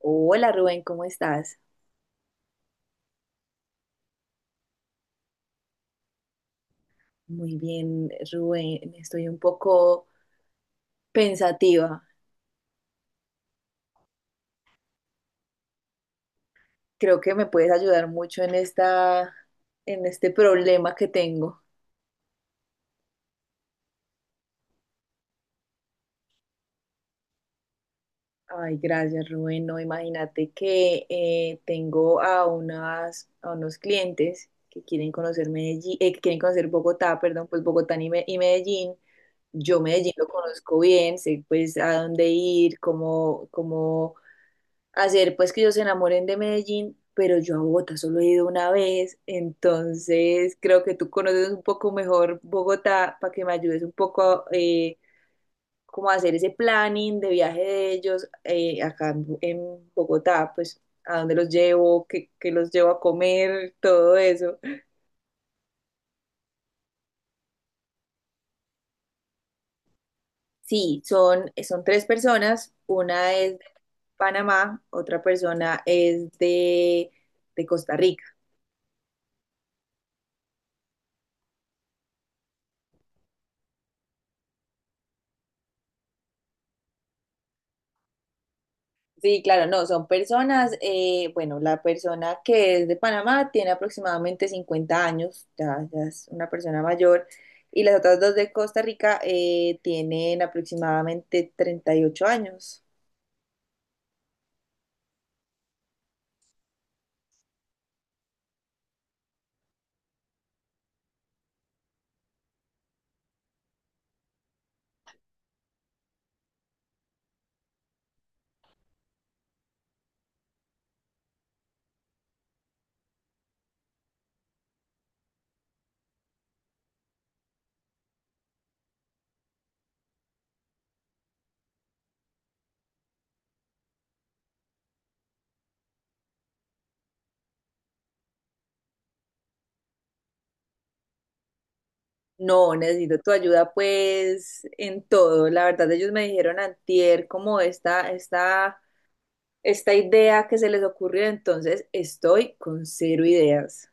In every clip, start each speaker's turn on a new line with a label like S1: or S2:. S1: Hola Rubén, ¿cómo estás? Muy bien, Rubén, estoy un poco pensativa. Creo que me puedes ayudar mucho en este problema que tengo. Ay, gracias, Rubén. No, imagínate que tengo a unos clientes que quieren conocer Medellín, que quieren conocer Bogotá, perdón, pues Bogotá y, Me- y Medellín. Yo Medellín lo conozco bien, sé pues a dónde ir, cómo hacer pues que ellos se enamoren de Medellín, pero yo a Bogotá solo he ido una vez, entonces creo que tú conoces un poco mejor Bogotá para que me ayudes un poco como a hacer ese planning de viaje de ellos acá en Bogotá, pues a dónde los llevo, qué los llevo a comer, todo eso. Sí, son tres personas, una es de Panamá, otra persona es de Costa Rica. Sí, claro, no, son personas, bueno, la persona que es de Panamá tiene aproximadamente 50 años, ya es una persona mayor, y las otras dos de Costa Rica tienen aproximadamente 38 años. No, necesito tu ayuda pues en todo. La verdad, ellos me dijeron antier como esta idea que se les ocurrió, entonces estoy con cero ideas.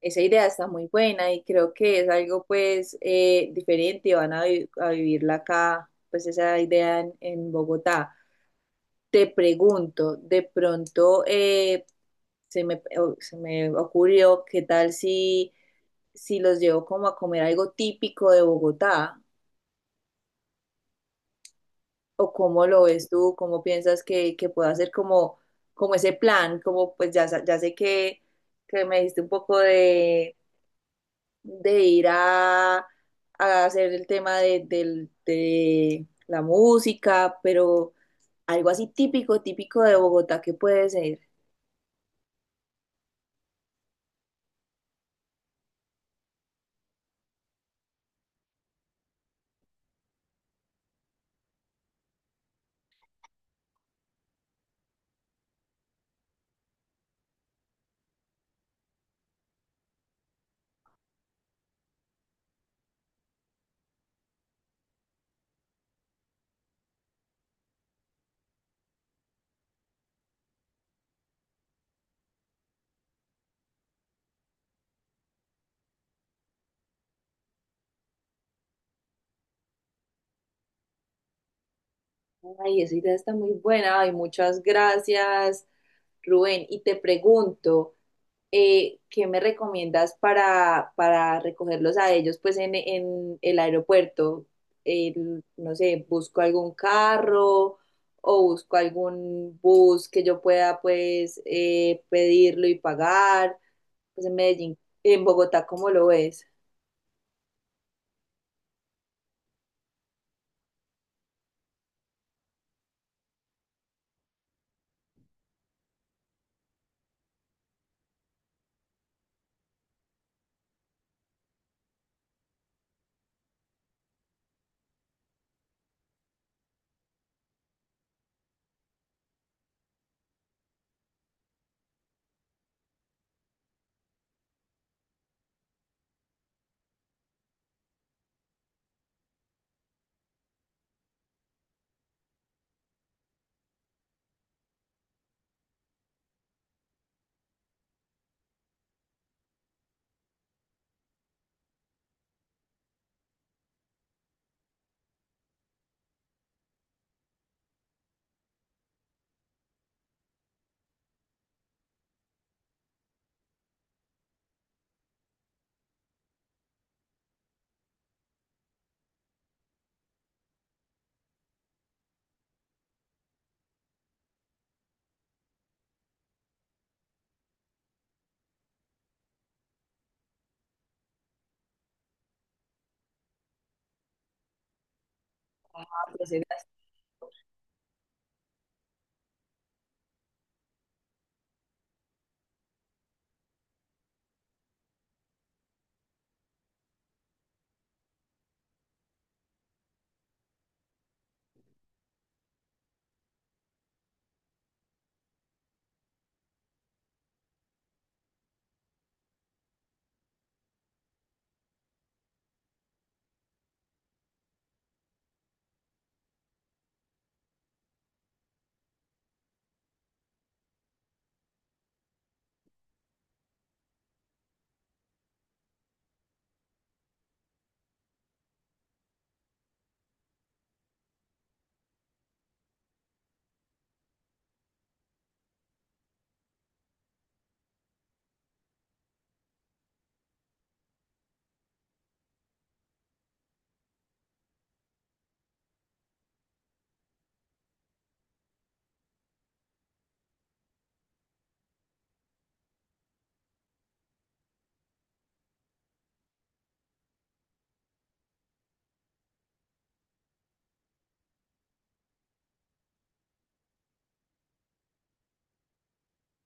S1: Esa idea está muy buena y creo que es algo pues diferente, van a vivirla acá, pues esa idea en Bogotá. Te pregunto, de pronto se me ocurrió, ¿qué tal si los llevo como a comer algo típico de Bogotá? ¿O cómo lo ves tú? ¿Cómo piensas que pueda ser como ese plan? Como pues ya sé que me diste un poco de ir a hacer el tema de la música, pero algo así típico, típico de Bogotá que puede ser. Ay, esa idea está muy buena. Ay, muchas gracias, Rubén. Y te pregunto, ¿qué me recomiendas para recogerlos a ellos pues en el aeropuerto? No sé, busco algún carro o busco algún bus que yo pueda pues pedirlo y pagar. Pues en Medellín, en Bogotá, ¿cómo lo ves? Ah, pues,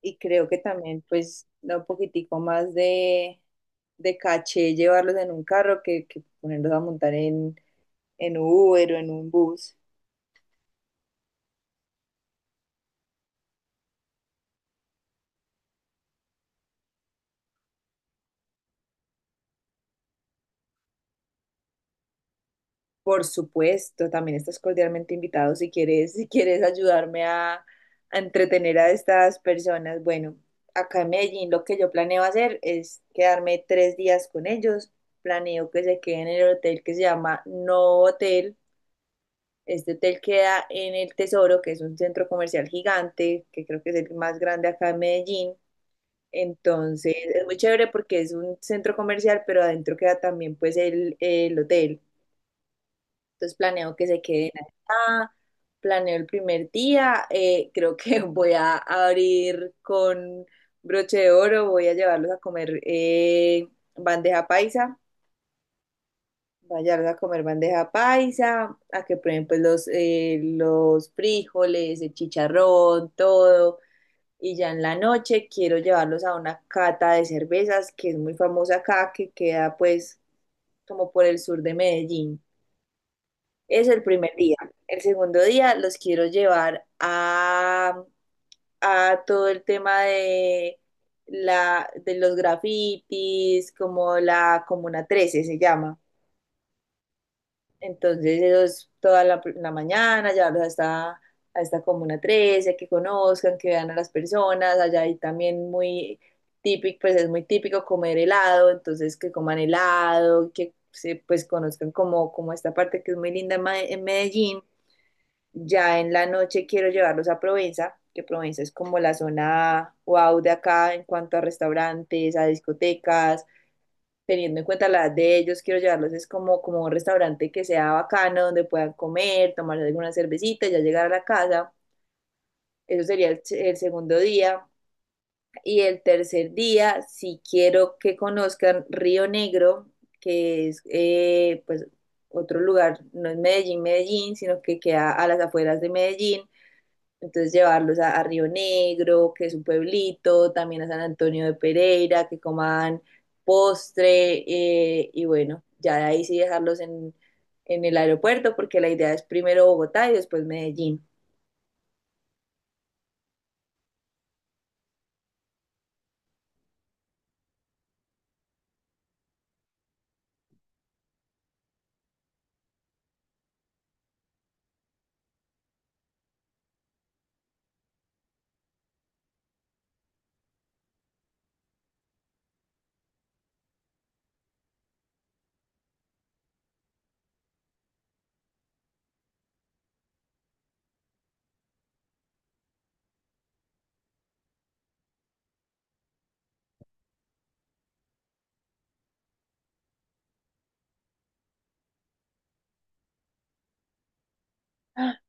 S1: y creo que también pues da un poquitico más de caché llevarlos en un carro que ponerlos a montar en Uber o en un bus. Por supuesto, también estás cordialmente invitado si quieres, si quieres ayudarme a entretener a estas personas. Bueno, acá en Medellín lo que yo planeo hacer es quedarme tres días con ellos. Planeo que se queden en el hotel que se llama No Hotel. Este hotel queda en El Tesoro, que es un centro comercial gigante, que creo que es el más grande acá en Medellín. Entonces, es muy chévere porque es un centro comercial, pero adentro queda también pues el hotel. Entonces, planeo que se queden acá, planeo el primer día, creo que voy a abrir con broche de oro, voy a llevarlos a comer bandeja paisa Vallarta a comer bandeja paisa, a que prueben pues los frijoles, el chicharrón, todo. Y ya en la noche quiero llevarlos a una cata de cervezas que es muy famosa acá, que queda pues como por el sur de Medellín. Es el primer día. El segundo día los quiero llevar a todo el tema de los grafitis, como la Comuna Trece se llama. Entonces, ellos toda la mañana, llevarlos a esta Comuna 13, que conozcan, que vean a las personas. Allá hay también muy típico, pues es muy típico comer helado, entonces que coman helado, pues conozcan como esta parte que es muy linda en en Medellín. Ya en la noche quiero llevarlos a Provenza, que Provenza es como la zona wow de acá en cuanto a restaurantes, a discotecas teniendo en cuenta la edad de ellos, quiero llevarlos es como un restaurante que sea bacano, donde puedan comer, tomar alguna cervecita, ya llegar a la casa. Eso sería el segundo día. Y el tercer día, si quiero que conozcan Río Negro, que es pues otro lugar, no es Medellín, Medellín, sino que queda a las afueras de Medellín. Entonces llevarlos a Río Negro, que es un pueblito, también a San Antonio de Pereira, que coman postre y bueno, ya de ahí sí dejarlos en el aeropuerto porque la idea es primero Bogotá y después Medellín.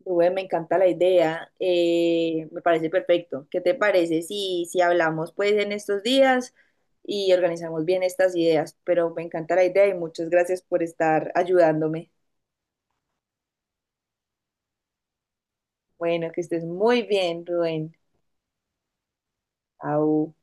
S1: Rubén, me encanta la idea, me parece perfecto. ¿Qué te parece si hablamos pues en estos días y organizamos bien estas ideas? Pero me encanta la idea y muchas gracias por estar ayudándome. Bueno, que estés muy bien, Rubén. Au.